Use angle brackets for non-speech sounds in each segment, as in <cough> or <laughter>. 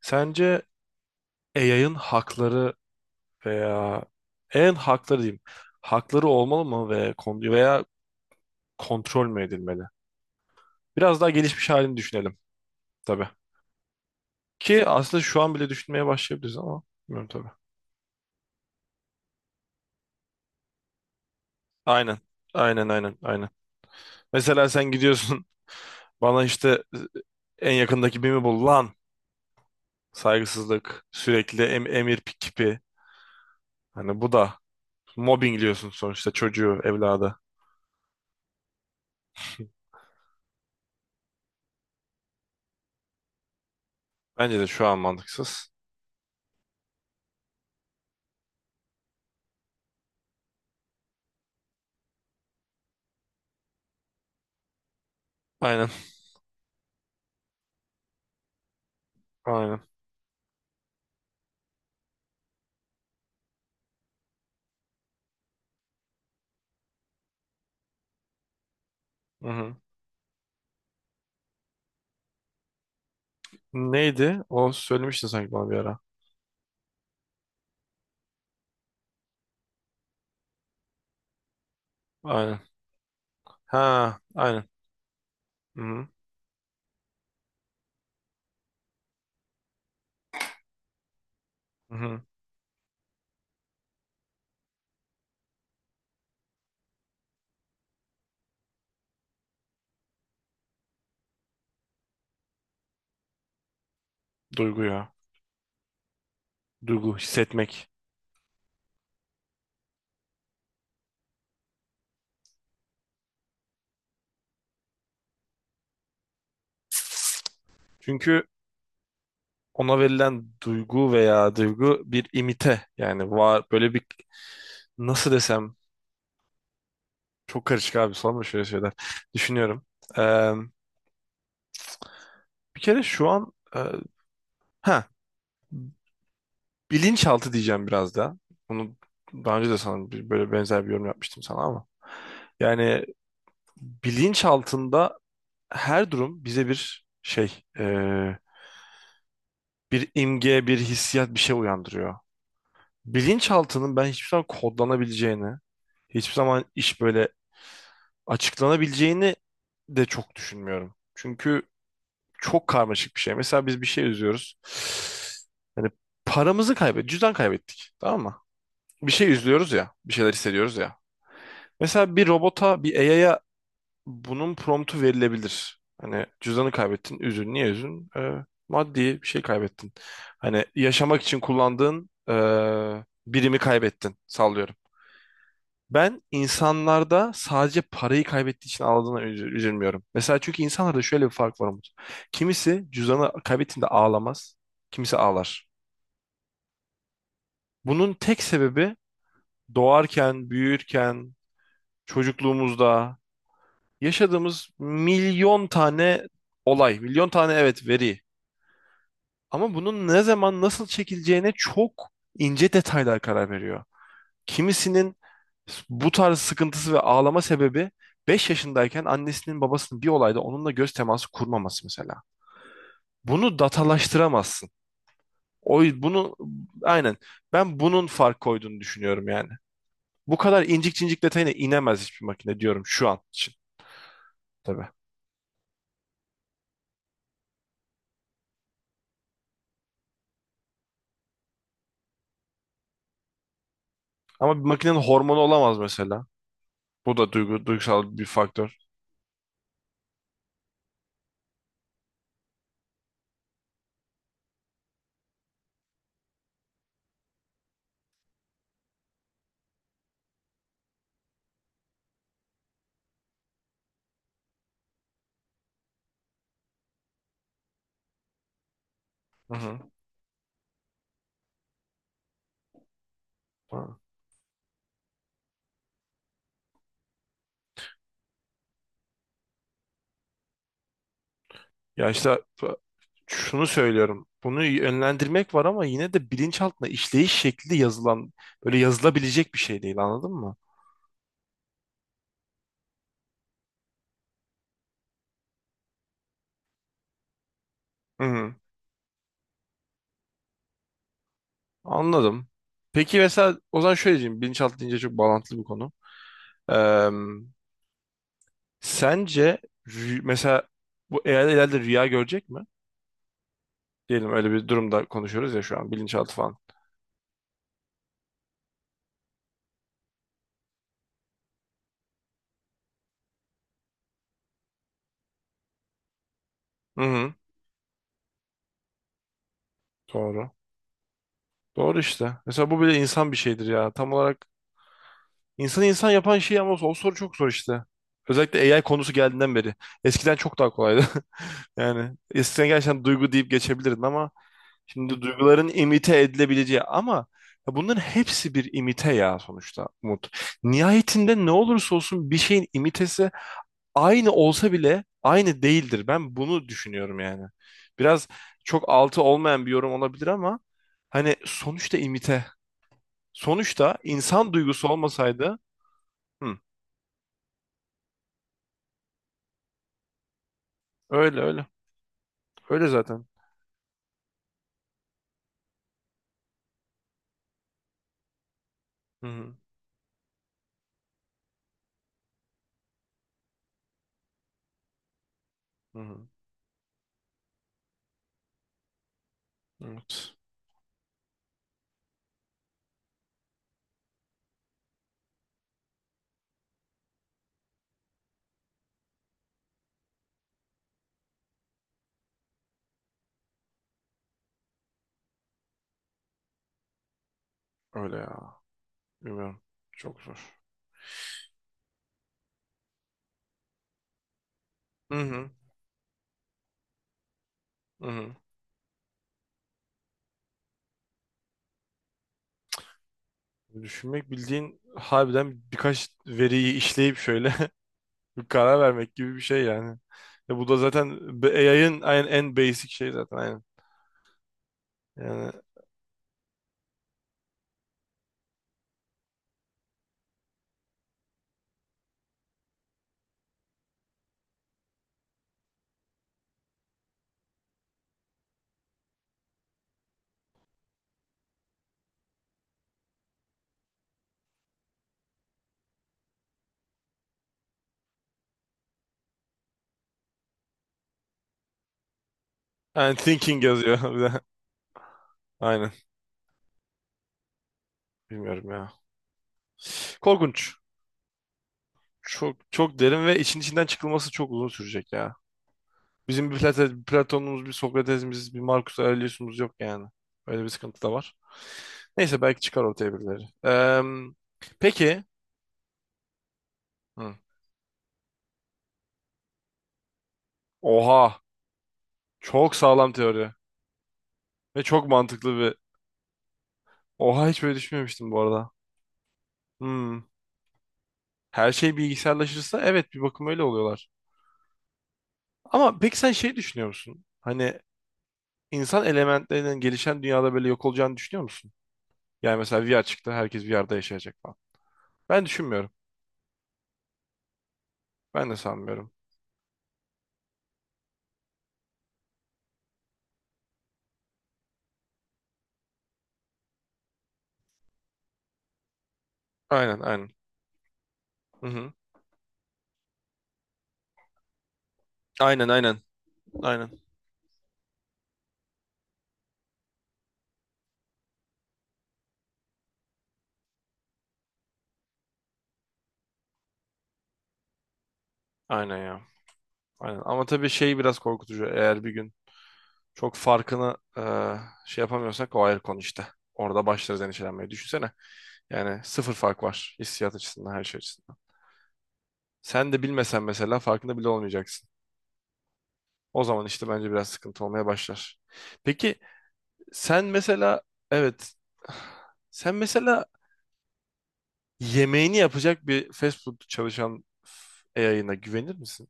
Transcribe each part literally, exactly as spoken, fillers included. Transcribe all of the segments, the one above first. Sence A I'ın hakları veya en hakları diyeyim, hakları olmalı mı ve kon- veya kontrol mü edilmeli? Biraz daha gelişmiş halini düşünelim tabii. Ki aslında şu an bile düşünmeye başlayabiliriz ama bilmiyorum tabii. Aynen. Aynen, aynen, aynen. Mesela sen gidiyorsun <laughs> bana işte e, en yakındaki BİM'i bul lan. Saygısızlık, sürekli em emir kipi. Hani bu da mobbingliyorsun sonuçta çocuğu, evladı. Bence de şu an mantıksız. Aynen. Aynen. Hı hı. Neydi? O söylemiştin sanki bana bir ara. Aynen. Ha, aynen. Hı-hı. Hı-hı. Duygu ya. Duygu, hissetmek. Çünkü ona verilen duygu veya duygu bir imite. Yani var böyle bir, nasıl desem, çok karışık abi, sorma şöyle şeyler. Düşünüyorum. Ee, Bir kere şu an e, ha, bilinçaltı diyeceğim biraz da. Bunu daha önce de sana bir- böyle benzer bir yorum yapmıştım sana ama. Yani bilinçaltında her durum bize bir şey, eee, bir imge, bir hissiyat, bir şey uyandırıyor. Bilinçaltının ben hiçbir zaman kodlanabileceğini, hiçbir zaman iş böyle açıklanabileceğini de çok düşünmüyorum. Çünkü çok karmaşık bir şey. Mesela biz bir şey üzüyoruz. Yani paramızı kaybettik, cüzdan kaybettik, tamam mı? Bir şey üzülüyoruz ya, bir şeyler hissediyoruz ya. Mesela bir robota, bir A I'ya bunun promptu verilebilir. Hani cüzdanı kaybettin, üzün. Niye üzün? Ee, maddi bir şey kaybettin. Hani yaşamak için kullandığın ee, birimi kaybettin. Sallıyorum. Ben insanlarda sadece parayı kaybettiği için ağladığına üzü- üzülmüyorum. Mesela çünkü insanlarda şöyle bir fark var Umut. Kimisi cüzdanı kaybettiğinde ağlamaz, kimisi ağlar. Bunun tek sebebi doğarken, büyürken, çocukluğumuzda yaşadığımız milyon tane olay, milyon tane evet veri. Ama bunun ne zaman nasıl çekileceğine çok ince detaylar karar veriyor. Kimisinin bu tarz sıkıntısı ve ağlama sebebi beş yaşındayken annesinin babasının bir olayda onunla göz teması kurmaması mesela. Bunu datalaştıramazsın. O bunu Aynen, ben bunun fark koyduğunu düşünüyorum yani. Bu kadar incik cincik detayına inemez hiçbir makine diyorum şu an için tabii. Ama bir makinenin hormonu olamaz mesela. Bu da duygu, duygusal bir faktör. Hı hı. Ha. Ya işte şunu söylüyorum. Bunu yönlendirmek var ama yine de bilinçaltına işleyiş şekli yazılan, böyle yazılabilecek bir şey değil, anladın mı? Hı hı. Anladım. Peki mesela o zaman şöyle diyeyim. Bilinçaltı deyince çok bağlantılı bir konu. Sence rü- mesela bu eğer ileride rüya görecek mi? Diyelim öyle bir durumda konuşuyoruz ya şu an, bilinçaltı falan. Hı hı. Doğru. Doğru işte. Mesela bu bile insan bir şeydir ya. Tam olarak insanı insan yapan şey, ama o soru çok zor işte. Özellikle A I konusu geldiğinden beri. Eskiden çok daha kolaydı. <laughs> Yani eskiden gerçekten duygu deyip geçebilirdin ama şimdi duyguların imite edilebileceği ama ya bunların hepsi bir imite ya, sonuçta Umut. Nihayetinde ne olursa olsun bir şeyin imitesi aynı olsa bile aynı değildir. Ben bunu düşünüyorum yani. Biraz çok altı olmayan bir yorum olabilir ama hani sonuçta imite. Sonuçta insan duygusu olmasaydı, hı, öyle öyle. Öyle zaten. Hı hı, hı hı. Evet. Öyle ya. Bilmiyorum. Çok zor. Hı hı. Hı hı. Düşünmek bildiğin harbiden birkaç veriyi işleyip şöyle <laughs> bir karar vermek gibi bir şey yani. Ya bu da zaten A I'ın en, en basic şey zaten, aynen. Yani and thinking yazıyor <laughs> bir de. Aynen. Bilmiyorum ya. Korkunç. Çok çok derin ve için içinden çıkılması çok uzun sürecek ya. Bizim bir Plate- Platon'umuz, bir Sokrates'imiz, bir Marcus Aurelius'umuz yok yani. Öyle bir sıkıntı da var. Neyse belki çıkar ortaya birileri. Eee, peki. Hı. Oha. Çok sağlam teori. Ve çok mantıklı bir... Oha, hiç böyle düşünmemiştim bu arada. Hmm. Her şey bilgisayarlaşırsa evet, bir bakıma öyle oluyorlar. Ama peki sen şey düşünüyor musun? Hani insan elementlerinin gelişen dünyada böyle yok olacağını düşünüyor musun? Yani mesela V R çıktı, herkes V R'da yaşayacak falan. Ben düşünmüyorum. Ben de sanmıyorum. Aynen, aynen. Hı hı. Aynen, aynen. Aynen. Aynen ya. Aynen. Ama tabii şey biraz korkutucu. Eğer bir gün çok farkını e, şey yapamıyorsak, o ayrı konu işte. Orada başlarız endişelenmeye. Düşünsene. Yani sıfır fark var hissiyat açısından, her şey açısından. Sen de bilmesen mesela, farkında bile olmayacaksın. O zaman işte bence biraz sıkıntı olmaya başlar. Peki sen mesela, evet, sen mesela yemeğini yapacak bir fast food çalışan yayına güvenir misin?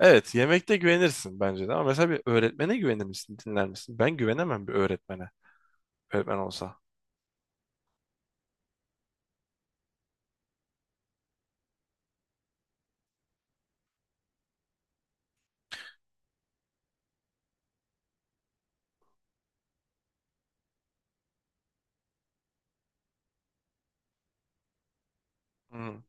Evet, yemekte güvenirsin bence de ama mesela bir öğretmene güvenir misin, dinler misin? Ben güvenemem bir öğretmene. Öğretmen olsa. Hı hı.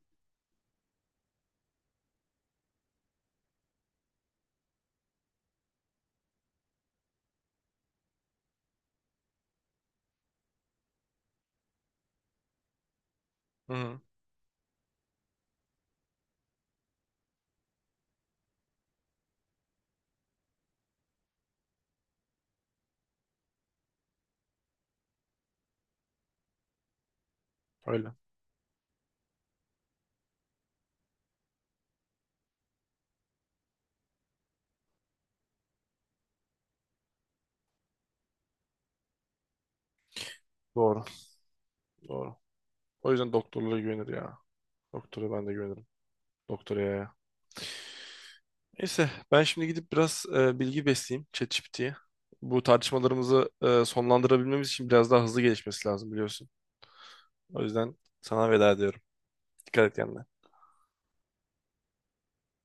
Öyle. Doğru. Doğru. O yüzden doktorluğa güvenir ya. Doktora ben de güvenirim. Doktoraya ya. Neyse, ben şimdi gidip biraz e, bilgi besleyeyim ChatGPT'ye. Bu tartışmalarımızı e, sonlandırabilmemiz için biraz daha hızlı gelişmesi lazım biliyorsun. O yüzden sana veda ediyorum. Dikkat et kendine.